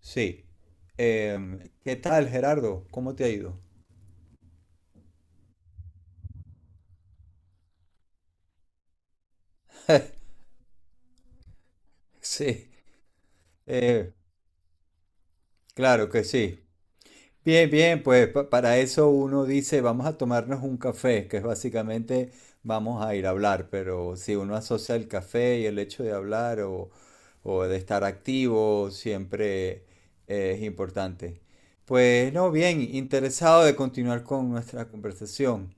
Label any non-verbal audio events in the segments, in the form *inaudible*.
Sí. ¿Qué tal, Gerardo? ¿Cómo te ha ido? *laughs* Sí, eh, claro que sí. Bien, bien, pues para eso uno dice, vamos a tomarnos un café, que es básicamente vamos a ir a hablar, pero si uno asocia el café y el hecho de hablar o de estar activo, siempre es importante. Pues no, bien, interesado de continuar con nuestra conversación.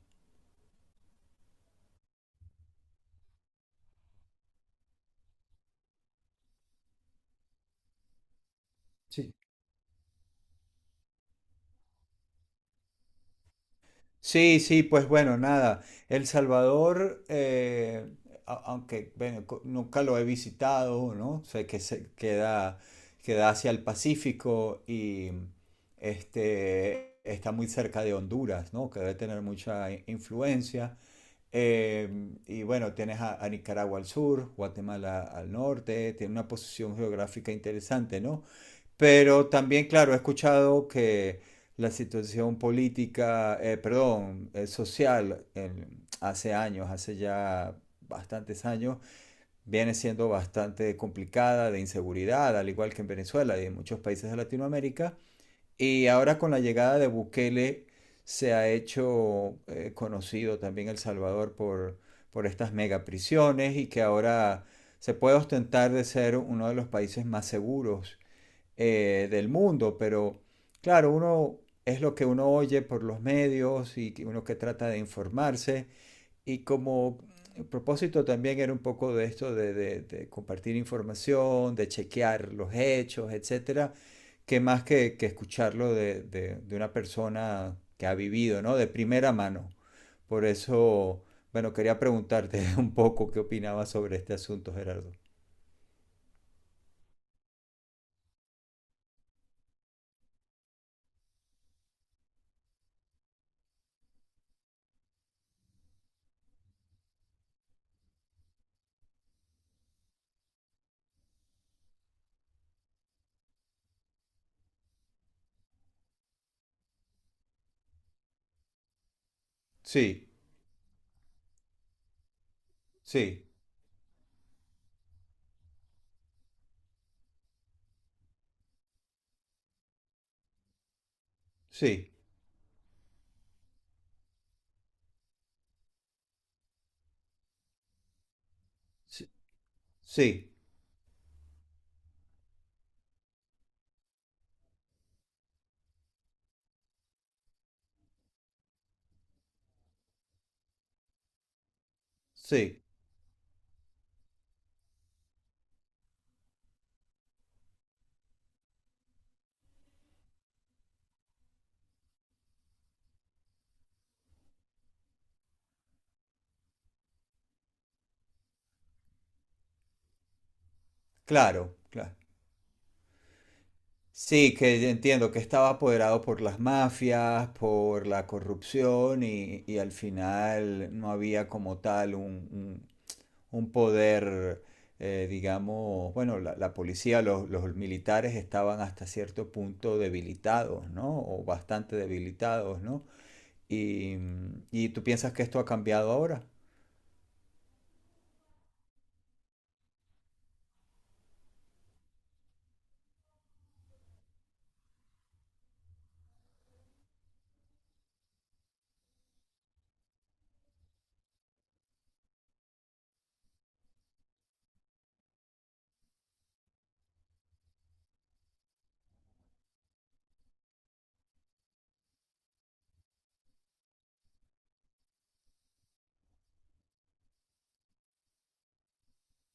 Sí. Sí, sí, pues bueno, nada. El Salvador, aunque bueno, nunca lo he visitado, ¿no? Sé que se queda, queda hacia el Pacífico y este, está muy cerca de Honduras, ¿no? Que debe tener mucha influencia. Y bueno, tienes a Nicaragua al sur, Guatemala al norte, tiene una posición geográfica interesante, ¿no? Pero también, claro, he escuchado que la situación política, perdón, social, hace años, hace ya bastantes años, viene siendo bastante complicada de inseguridad, al igual que en Venezuela y en muchos países de Latinoamérica. Y ahora con la llegada de Bukele se ha hecho conocido también El Salvador por estas megaprisiones y que ahora se puede ostentar de ser uno de los países más seguros del mundo, pero claro, uno es lo que uno oye por los medios y que uno que trata de informarse y como el propósito también era un poco de esto de, de compartir información, de chequear los hechos, etcétera, que más que escucharlo de, de una persona que ha vivido, ¿no? De primera mano. Por eso, bueno, quería preguntarte *laughs* un poco qué opinabas sobre este asunto, Gerardo. Sí, sí, sí, sí, sí. Sí, claro, claro. Sí, que entiendo que estaba apoderado por las mafias, por la corrupción y al final no había como tal un, un poder, digamos, bueno, la policía, los militares estaban hasta cierto punto debilitados, ¿no? O bastante debilitados, ¿no? Y, y tú piensas que esto ha cambiado ahora.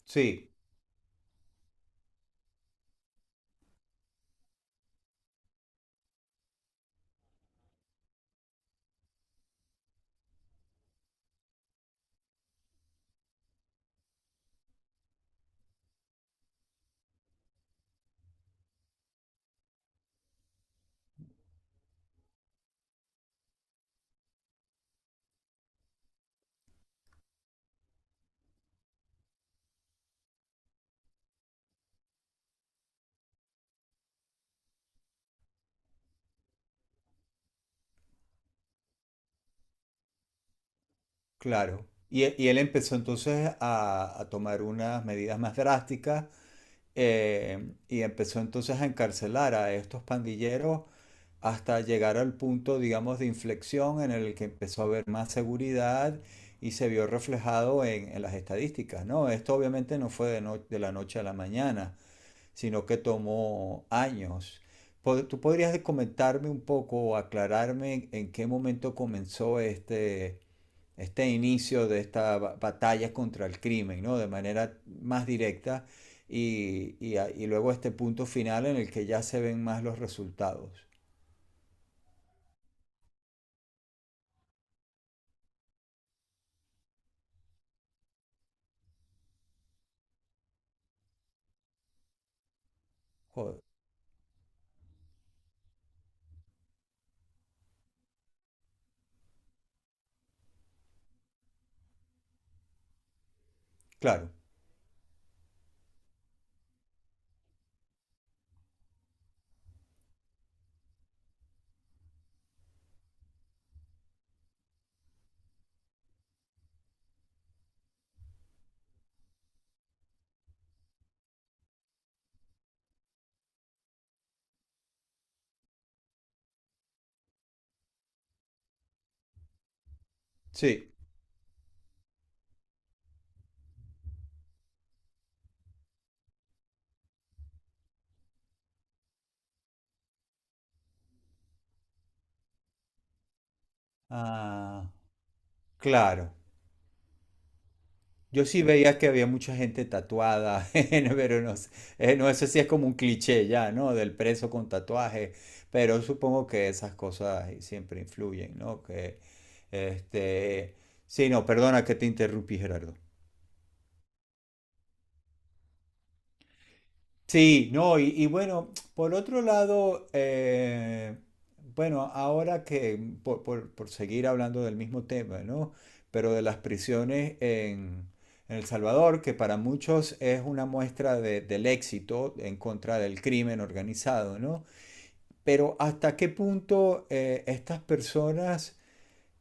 Sí, claro. Y, y él empezó entonces a tomar unas medidas más drásticas y empezó entonces a encarcelar a estos pandilleros hasta llegar al punto, digamos, de inflexión en el que empezó a haber más seguridad y se vio reflejado en las estadísticas, ¿no? Esto obviamente no fue de, de la noche a la mañana, sino que tomó años. ¿Tú podrías comentarme un poco o aclararme en qué momento comenzó este, este inicio de esta batalla contra el crimen, ¿no? De manera más directa y y luego este punto final en el que ya se ven más los resultados. Joder, claro, sí. Ah, claro. Yo sí veía que había mucha gente tatuada, *laughs* pero no sé, no, eso sí es como un cliché ya, ¿no? Del preso con tatuaje, pero supongo que esas cosas siempre influyen, ¿no? Que, este, sí, no, perdona que te interrumpí, Gerardo. Sí, no, y bueno, por otro lado, bueno, ahora que, por, por seguir hablando del mismo tema, ¿no? Pero de las prisiones en El Salvador, que para muchos es una muestra del éxito en contra del crimen organizado, ¿no? Pero ¿hasta qué punto estas personas,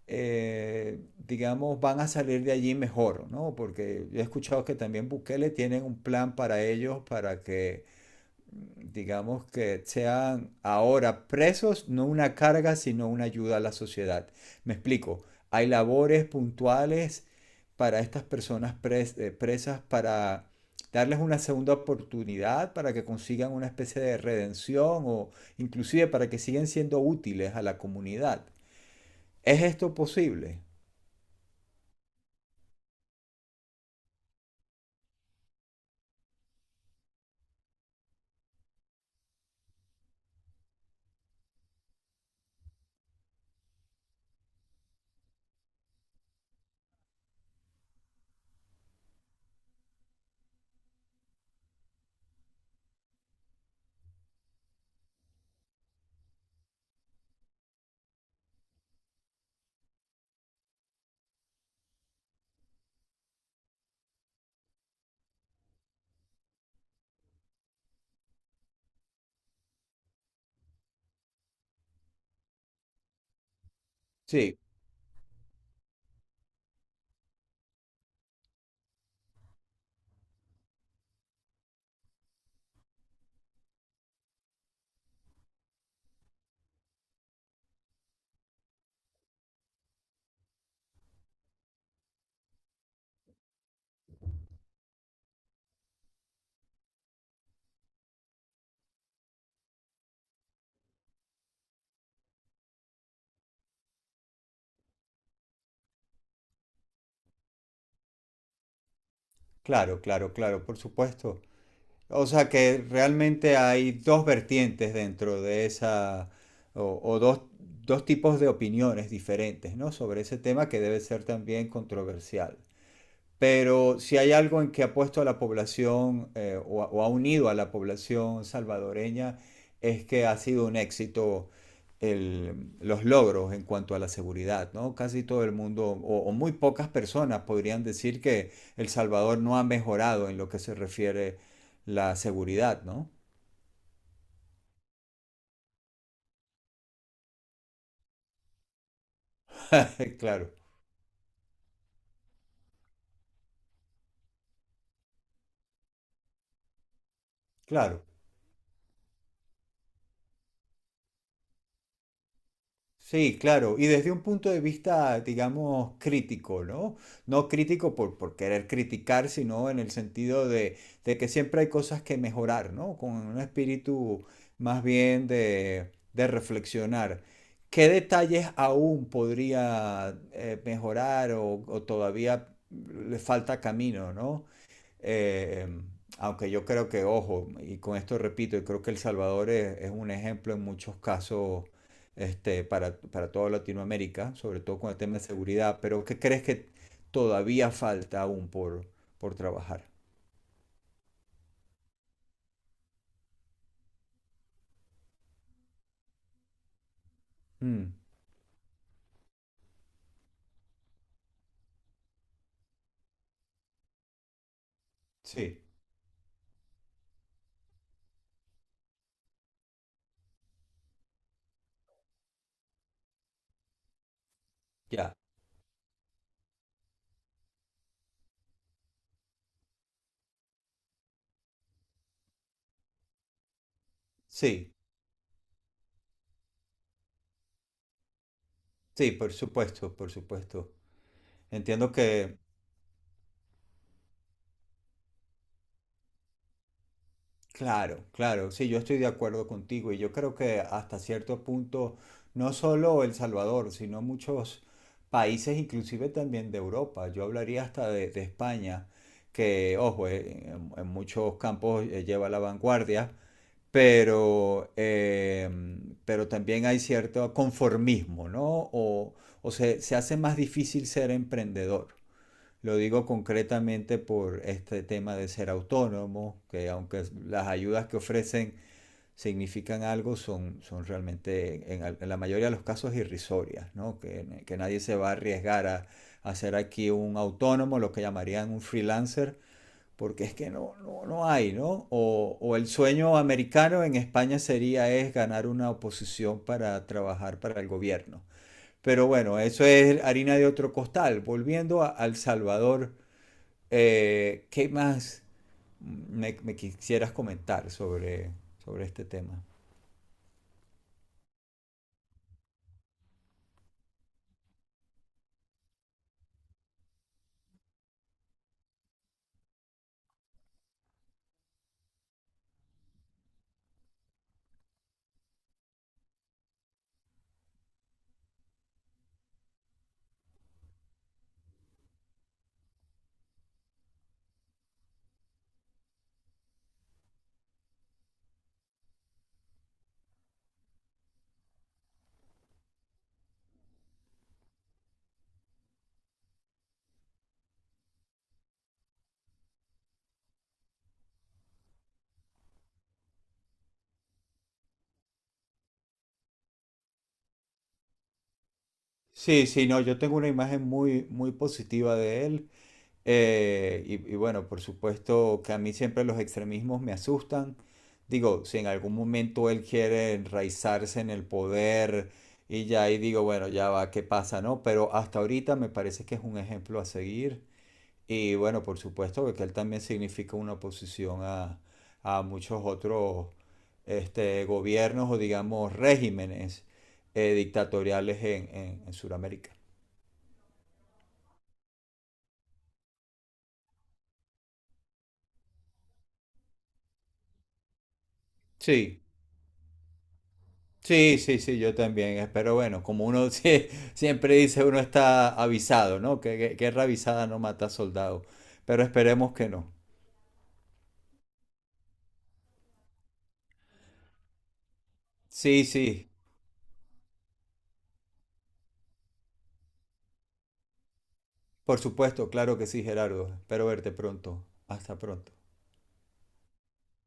digamos, van a salir de allí mejor, ¿no? Porque yo he escuchado que también Bukele tiene un plan para ellos, para que digamos que sean ahora presos, no una carga, sino una ayuda a la sociedad. Me explico, hay labores puntuales para estas personas presas para darles una segunda oportunidad, para que consigan una especie de redención o inclusive para que sigan siendo útiles a la comunidad. ¿Es esto posible? Sí, claro, claro, claro, por supuesto. O sea que realmente hay dos vertientes dentro de esa, o dos, dos tipos de opiniones diferentes, ¿no? Sobre ese tema que debe ser también controversial. Pero si hay algo en que ha puesto a la población o, o ha unido a la población salvadoreña es que ha sido un éxito los logros en cuanto a la seguridad, ¿no? Casi todo el mundo o muy pocas personas podrían decir que El Salvador no ha mejorado en lo que se refiere la seguridad, ¿no? *laughs* Claro, claro. Sí, claro, y desde un punto de vista, digamos, crítico, ¿no? No crítico por querer criticar, sino en el sentido de que siempre hay cosas que mejorar, ¿no? Con un espíritu más bien de reflexionar. ¿Qué detalles aún podría mejorar o todavía le falta camino, ¿no? Eh, aunque yo creo que, ojo, y con esto repito, yo creo que El Salvador es un ejemplo en muchos casos este, para toda Latinoamérica, sobre todo con el tema de seguridad, pero ¿qué crees que todavía falta aún por trabajar? Mm, sí, ya, sí, sí, por supuesto, por supuesto. Entiendo que claro, claro, sí, yo estoy de acuerdo contigo y yo creo que hasta cierto punto, no solo El Salvador, sino muchos países, inclusive también de Europa, yo hablaría hasta de España, que, ojo, en muchos campos lleva la vanguardia, pero, pero también hay cierto conformismo, ¿no? O, o se, se hace más difícil ser emprendedor. Lo digo concretamente por este tema de ser autónomo, que aunque las ayudas que ofrecen significan algo, son, son realmente en la mayoría de los casos irrisorias, ¿no? Que nadie se va a arriesgar a, ser aquí un autónomo, lo que llamarían un freelancer, porque es que no, no, no hay, ¿no? O, el sueño americano en España sería es ganar una oposición para trabajar para el gobierno. Pero bueno, eso es harina de otro costal. Volviendo a El Salvador, ¿qué más me, me quisieras comentar sobre, sobre este tema? Sí, sí, no, yo tengo una imagen muy, muy positiva de él. Y bueno, por supuesto que a mí siempre los extremismos me asustan. Digo, si en algún momento él quiere enraizarse en el poder y ya ahí digo, bueno, ya va, ¿qué pasa, no? Pero hasta ahorita me parece que es un ejemplo a seguir. Y bueno, por supuesto, porque él también significa una oposición a muchos otros este, gobiernos o digamos regímenes dictatoriales en Sudamérica. Sí, sí, sí, sí, yo también. Pero bueno, como uno *laughs* siempre dice, uno está avisado, ¿no? Que guerra avisada no mata soldado. Pero esperemos que no. Sí, sí, por supuesto, claro que sí, Gerardo. Espero verte pronto. Hasta pronto.